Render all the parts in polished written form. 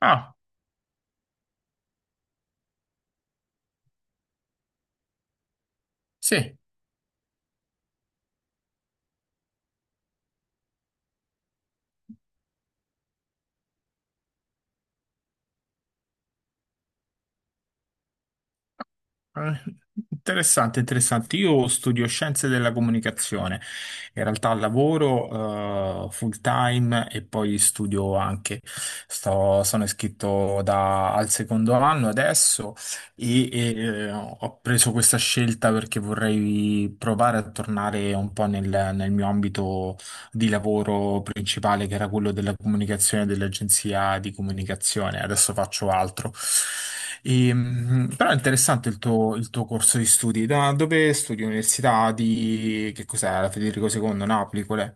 Ah, sì. Eh, Interessante, interessante. Io studio scienze della comunicazione, in realtà lavoro full time e poi studio anche. Sono iscritto al secondo anno adesso e, ho preso questa scelta perché vorrei provare a tornare un po' nel, nel mio ambito di lavoro principale che era quello della comunicazione dell'agenzia di comunicazione, adesso faccio altro. E, però è interessante il tuo corso di studi. Da dove studi? Università di... che cos'è? La Federico II, Napoli, qual è?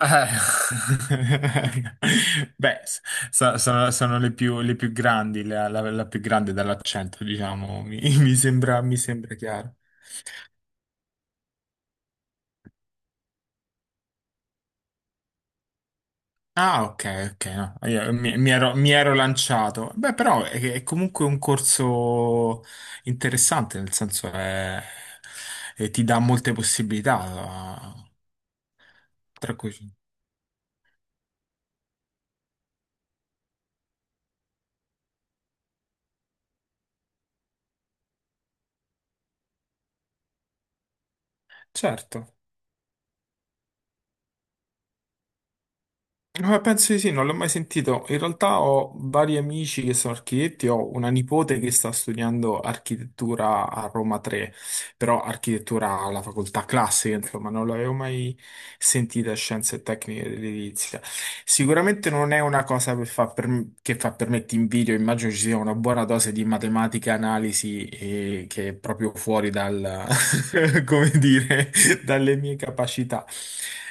Eh, Beh, sono le più grandi, la più grande dall'accento, diciamo, mi sembra chiaro. Ah, ok, ok, no, io mi ero lanciato. Beh, però è comunque un corso interessante, nel senso è, e ti dà molte possibilità, tra cui... Certo. Penso di sì, non l'ho mai sentito. In realtà ho vari amici che sono architetti, ho una nipote che sta studiando architettura a Roma 3, però architettura alla facoltà classica, insomma, non l'avevo mai sentita scienze e tecniche dell'edilizia. Sicuramente non è una cosa che fa per me ti invidio, immagino ci sia una buona dose di matematica, analisi, che è proprio fuori dal, come dire, dalle mie capacità.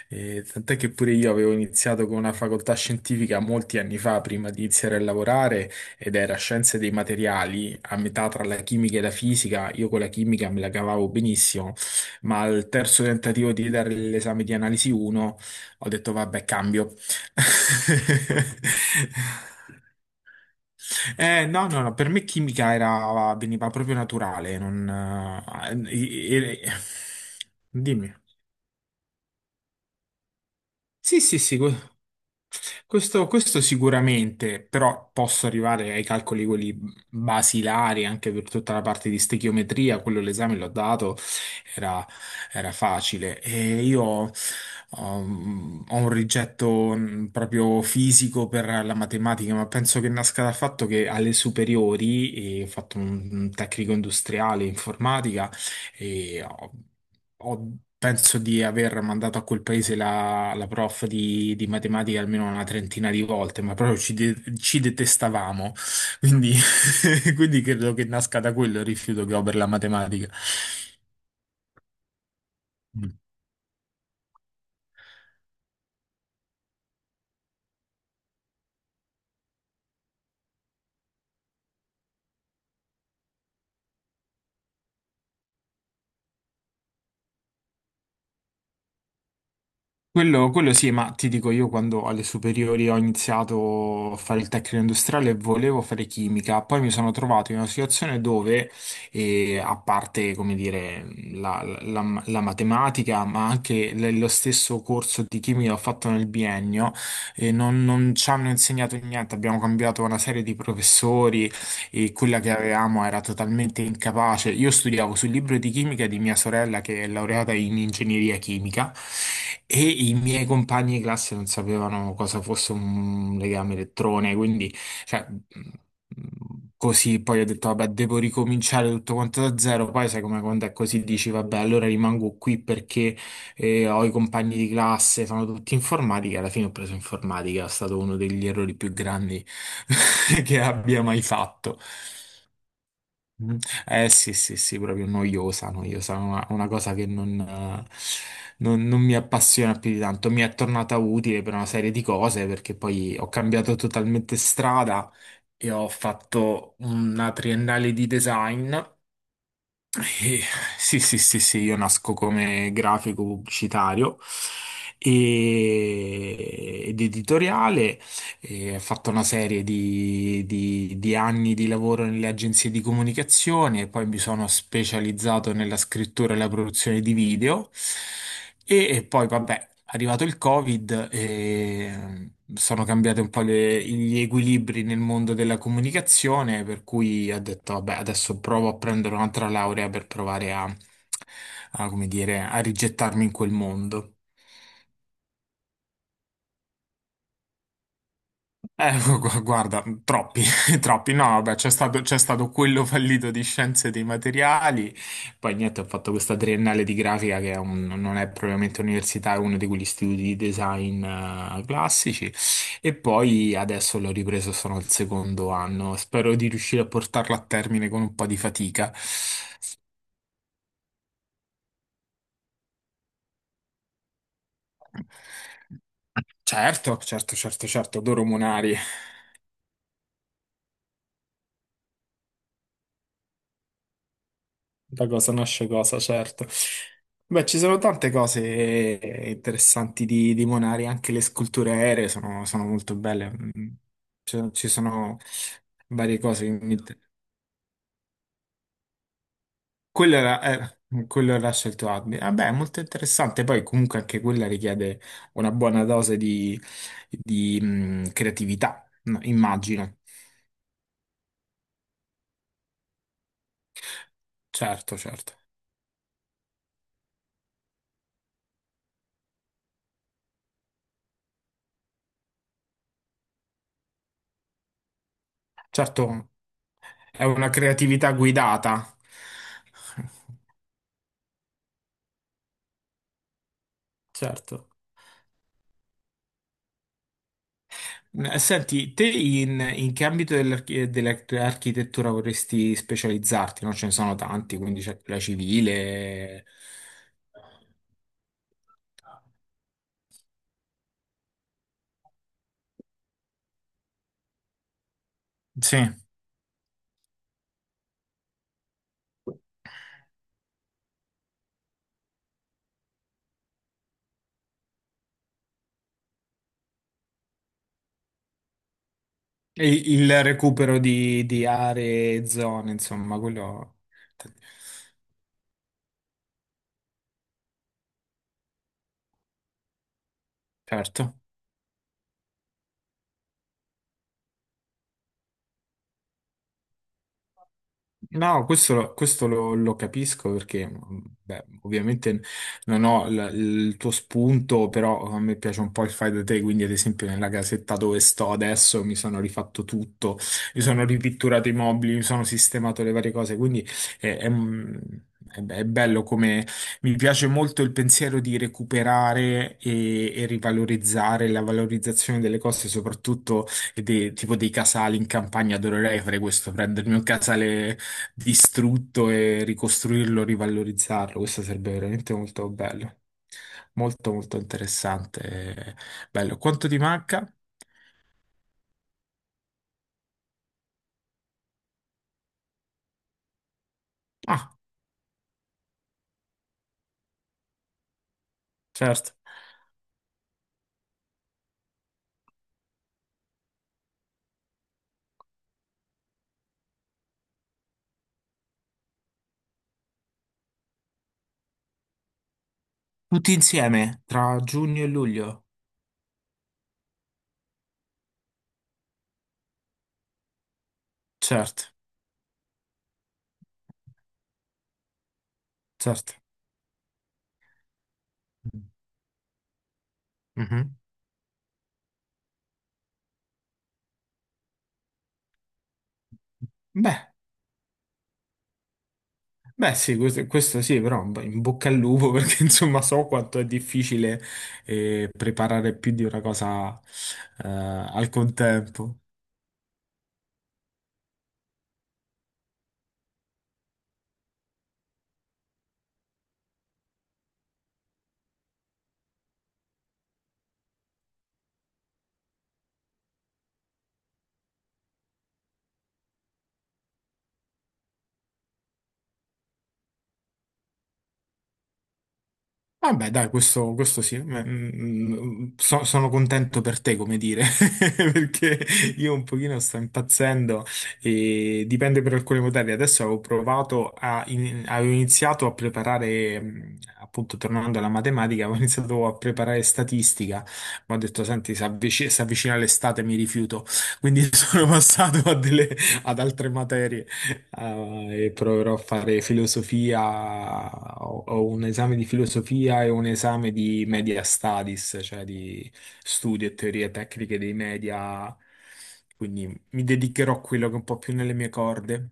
Tant'è che pure io avevo iniziato con una facoltà scientifica molti anni fa, prima di iniziare a lavorare, ed era scienze dei materiali, a metà tra la chimica e la fisica. Io con la chimica me la cavavo benissimo, ma al terzo tentativo di dare l'esame di analisi 1 ho detto vabbè, cambio. No, no, no, per me chimica era, veniva proprio naturale, non... eh, eh, eh, dimmi. Sì, sì, sì, questo, questo sicuramente, però posso arrivare ai calcoli quelli basilari anche per tutta la parte di stechiometria, quello l'esame l'ho dato, era, era facile. E io ho un rigetto proprio fisico per la matematica, ma penso che nasca dal fatto che alle superiori, e ho fatto un tecnico industriale informatica, e ho- penso di aver mandato a quel paese la, la prof di matematica almeno una trentina di volte, ma proprio ci, ci detestavamo, quindi, quindi credo che nasca da quello il rifiuto che ho per la matematica. Mm. Quello sì, ma ti dico io quando alle superiori ho iniziato a fare il tecnico industriale volevo fare chimica, poi mi sono trovato in una situazione dove, a parte, come dire, la, la matematica, ma anche lo stesso corso di chimica che ho fatto nel biennio, non, non ci hanno insegnato niente, abbiamo cambiato una serie di professori e quella che avevamo era totalmente incapace. Io studiavo sul libro di chimica di mia sorella che è laureata in ingegneria chimica e i miei compagni di classe non sapevano cosa fosse un legame elettrone, quindi cioè, così poi ho detto vabbè devo ricominciare tutto quanto da zero, poi sai come quando è così dici vabbè allora rimango qui perché e ho i compagni di classe, fanno tutti informatica. Alla fine ho preso informatica, è stato uno degli errori più grandi che abbia mai fatto. Mm. Eh sì, sì, sì, proprio noiosa, noiosa, una cosa che non, non mi appassiona più di tanto. Mi è tornata utile per una serie di cose perché poi ho cambiato totalmente strada e ho fatto una triennale di design eh, Sì, sì, sì, sì, io nasco come grafico pubblicitario ed editoriale e ha fatto una serie di, di anni di lavoro nelle agenzie di comunicazione e poi mi sono specializzato nella scrittura e la produzione di video. E poi, vabbè, è arrivato il Covid e sono cambiati un po' gli equilibri nel mondo della comunicazione, per cui ho detto, vabbè, adesso provo a prendere un'altra laurea per provare a, a, come dire, a rigettarmi in quel mondo. Guarda, troppi, troppi. No, vabbè, c'è stato quello fallito di scienze dei materiali, poi niente, ho fatto questa triennale di grafica che è non è propriamente università, è uno di quegli istituti di design classici e poi adesso l'ho ripreso, sono al secondo anno. Spero di riuscire a portarla a termine con un po' di fatica. Certo, certo, certo, certo, adoro Monari. Da cosa nasce cosa, certo. Beh, ci sono tante cose interessanti di Monari, anche le sculture aeree sono, sono molto belle. Mm, ci sono varie cose. Che Quello era, eh, quello era scelto Admi. Vabbè, è molto interessante. Poi comunque anche quella richiede una buona dose di, creatività, no? Immagino. Certo, certo. Certo, è una creatività guidata. Certo. Mm, senti, te in, in che ambito dell'architettura vorresti specializzarti? No? Ce ne sono tanti, quindi c'è quella civile, sì, e il recupero di aree, zone, insomma, quello certo. No, questo, lo, questo lo capisco perché, beh, ovviamente non ho il tuo spunto, però a me piace un po' il fai da te, quindi ad esempio nella casetta dove sto adesso mi sono rifatto tutto, mi sono ripitturato i mobili, mi sono sistemato le varie cose, quindi è è è bello come mi piace molto il pensiero di recuperare e rivalorizzare la valorizzazione delle cose, soprattutto e tipo dei casali in campagna, adorerei fare questo, prendermi un casale distrutto e ricostruirlo, rivalorizzarlo. Questo sarebbe veramente molto bello. Molto, molto interessante. Eh, Bello. Quanto ti manca? Ah, certo. Tutti insieme, tra giugno e luglio. Certo, certo. Mhm. Beh, beh, sì, questo sì, però in bocca al lupo perché insomma so quanto è difficile preparare più di una cosa al contempo. Vabbè, dai, questo sì, mm, mm, sono contento per te, come dire, perché io un pochino sto impazzendo e dipende per alcune materie. Adesso avevo provato a, avevo iniziato a preparare, appunto, tornando alla matematica, avevo iniziato a preparare statistica, ma ho detto, senti, si avvicina l'estate, mi rifiuto, quindi sono passato a ad altre materie e proverò a fare filosofia, ho, ho un esame di filosofia e un esame di media studies, cioè di studio e teorie tecniche dei media, quindi mi dedicherò a quello che è un po' più nelle mie corde.